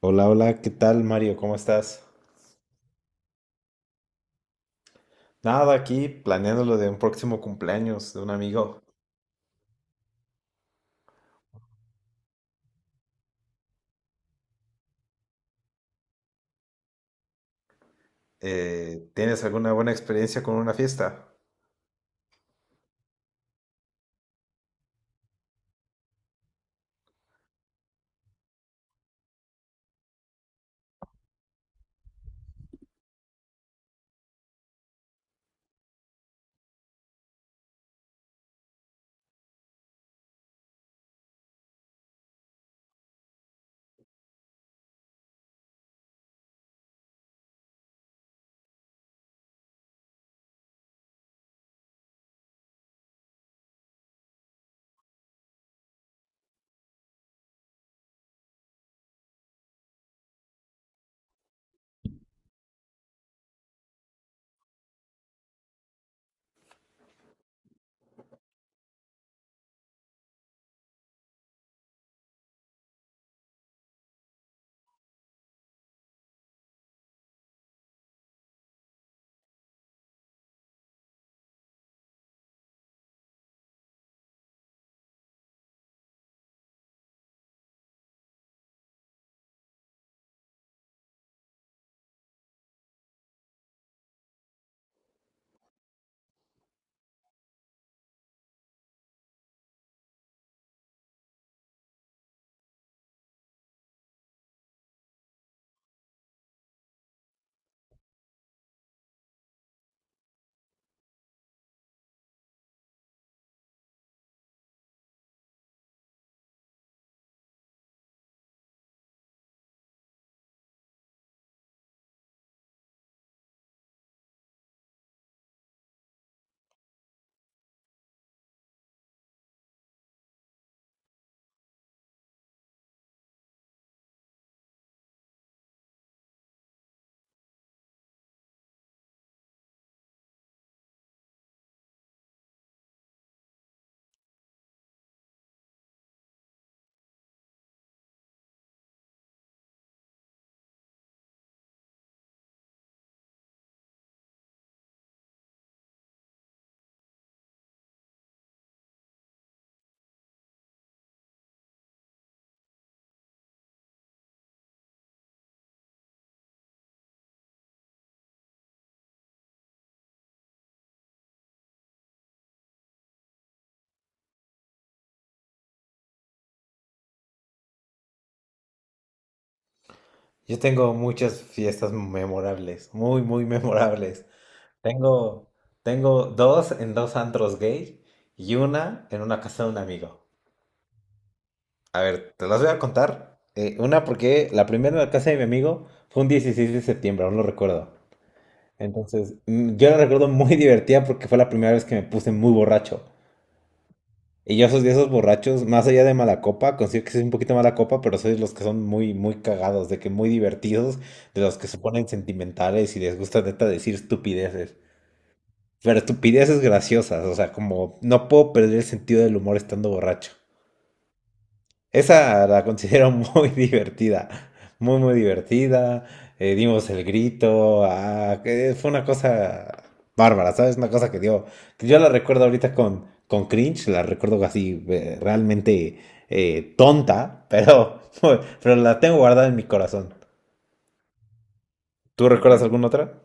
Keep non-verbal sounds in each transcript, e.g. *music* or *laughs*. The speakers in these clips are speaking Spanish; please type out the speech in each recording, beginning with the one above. Hola, hola, ¿qué tal, Mario? ¿Cómo estás? Nada, aquí planeando lo de un próximo cumpleaños de un amigo. ¿Tienes alguna buena experiencia con una fiesta? Yo tengo muchas fiestas memorables, muy, muy memorables. Tengo, tengo dos en dos antros gay y una en una casa de un amigo. A ver, te las voy a contar. Una porque la primera en la casa de mi amigo fue un 16 de septiembre, aún lo recuerdo. Entonces, yo la recuerdo muy *laughs* divertida porque fue la primera vez que me puse muy borracho. Y yo soy de esos borrachos, más allá de mala copa, considero que soy un poquito mala copa, pero soy de los que son muy, muy cagados, de que muy divertidos, de los que se ponen sentimentales y les gusta neta decir estupideces. Pero estupideces graciosas, o sea, como no puedo perder el sentido del humor estando borracho. Esa la considero muy *laughs* divertida, muy, muy divertida. Dimos el grito, ah, que fue una cosa bárbara, ¿sabes? Una cosa que dio, que yo la recuerdo ahorita con cringe, la recuerdo así realmente tonta, pero, *laughs* pero la tengo guardada en mi corazón. ¿Tú recuerdas alguna otra?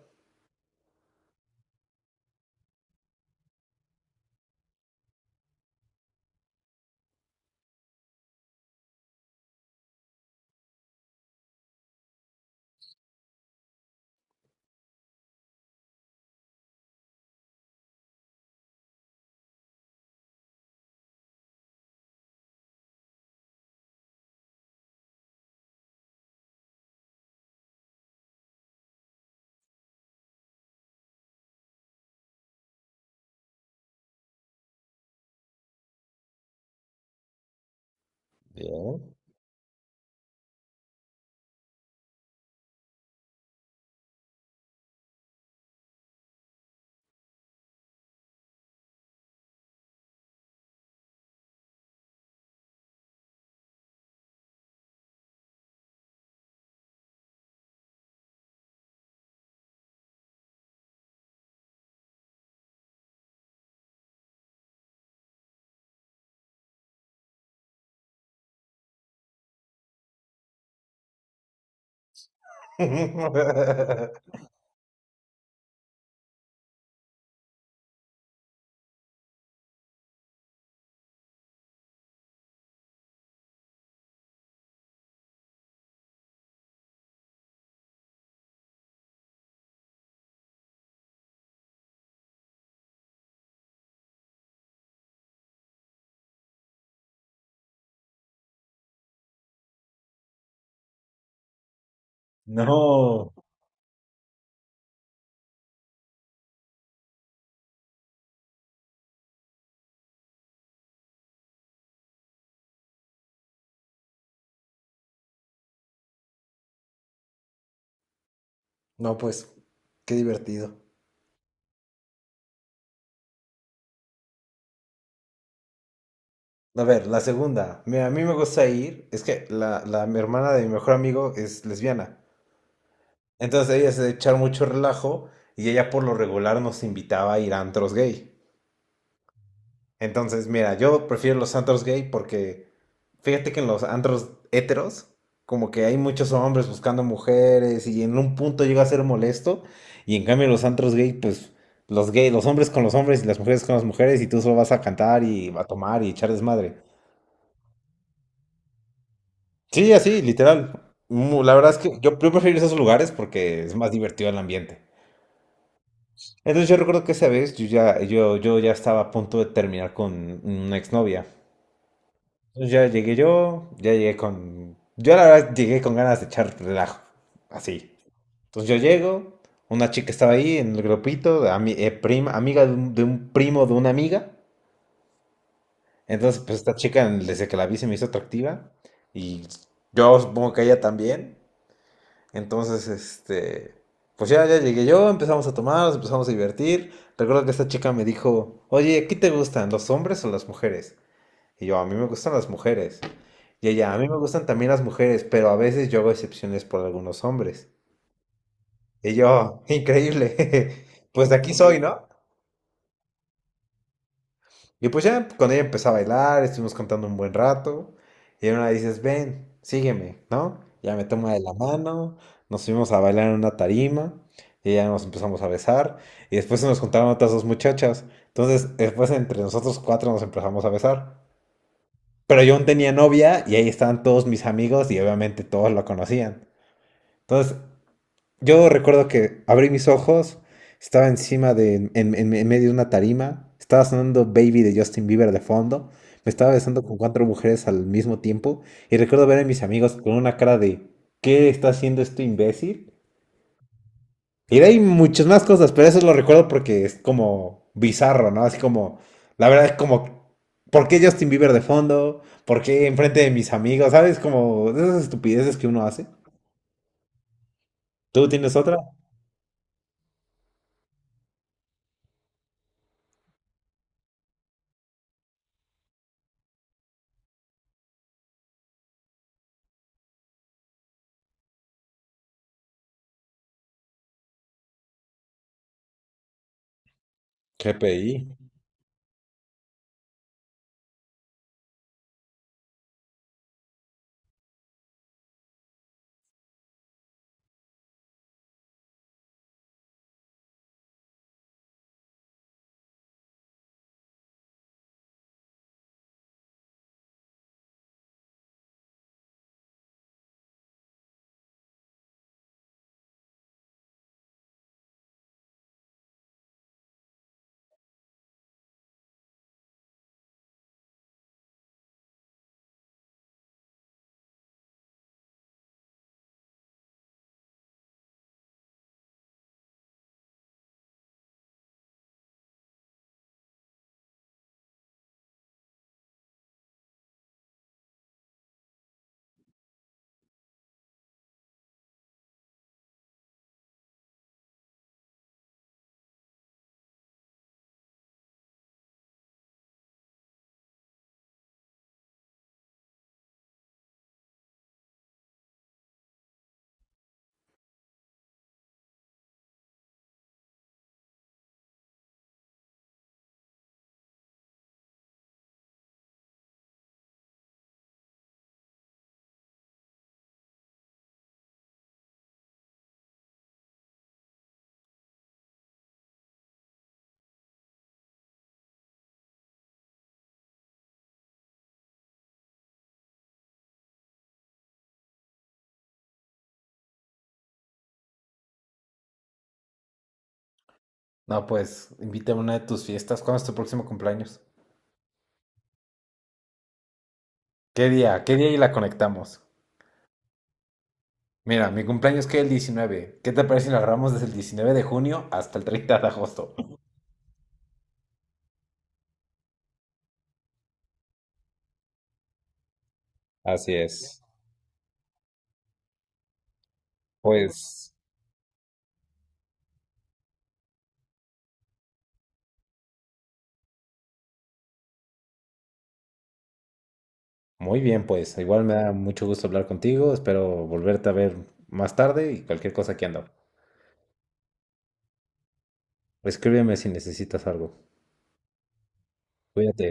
Bien. *laughs* No. No, pues, qué divertido. A ver, la segunda. Mira, a mí me gusta ir. Es que la mi hermana de mi mejor amigo es lesbiana. Entonces ella se de echar mucho relajo y ella por lo regular nos invitaba a ir a antros gay. Entonces, mira, yo prefiero los antros gay porque fíjate que en los antros heteros, como que hay muchos hombres buscando mujeres y en un punto llega a ser molesto. Y en cambio, en los antros gay, pues los gay, los hombres con los hombres y las mujeres con las mujeres y tú solo vas a cantar y a tomar y echar desmadre. Sí, así, literal. Mu- La verdad es que yo prefiero esos lugares porque es más divertido el ambiente. Entonces yo recuerdo que esa vez yo ya, yo ya estaba a punto de terminar con una exnovia. Entonces ya llegué yo, ya llegué con... Yo la verdad llegué con ganas de echar relajo, así. Entonces yo llego, una chica estaba ahí en el grupito, prima, amiga de un primo de una amiga. Entonces pues esta chica desde que la vi se me hizo atractiva y yo supongo que ella también. Entonces, pues ya, ya llegué yo, empezamos a tomar, nos empezamos a divertir. Recuerdo que esta chica me dijo, oye, ¿qué te gustan, los hombres o las mujeres? Y yo, a mí me gustan las mujeres. Y ella, a mí me gustan también las mujeres, pero a veces yo hago excepciones por algunos hombres. Y yo, increíble, *laughs* pues de aquí soy, ¿no? Y pues ya con ella empecé a bailar, estuvimos cantando un buen rato. Y una dices, ven, sígueme, ¿no? Ya me toma de la mano, nos fuimos a bailar en una tarima y ya nos empezamos a besar. Y después se nos juntaron otras dos muchachas. Entonces, después entre nosotros cuatro nos empezamos a besar. Pero yo aún tenía novia y ahí estaban todos mis amigos y obviamente todos lo conocían. Entonces, yo recuerdo que abrí mis ojos, estaba encima de, en medio de una tarima, estaba sonando Baby de Justin Bieber de fondo, me estaba besando con cuatro mujeres al mismo tiempo y recuerdo ver a mis amigos con una cara de ¿qué está haciendo este imbécil? Y de ahí muchas más cosas, pero eso lo recuerdo porque es como bizarro, ¿no? Así como, la verdad es como, ¿por qué Justin Bieber de fondo? ¿Por qué enfrente de mis amigos? ¿Sabes? Como de esas estupideces que uno hace. ¿Tú tienes otra? GPI. No, pues invítame a una de tus fiestas. ¿Cuándo es tu próximo cumpleaños? ¿Qué día? ¿Qué día y la conectamos? Mira, mi cumpleaños que el 19. ¿Qué te parece si lo agarramos desde el 19 de junio hasta el 30 de agosto? Así es. Pues muy bien, pues. Igual me da mucho gusto hablar contigo. Espero volverte a ver más tarde y cualquier cosa que ando. Escríbeme si necesitas algo. Cuídate.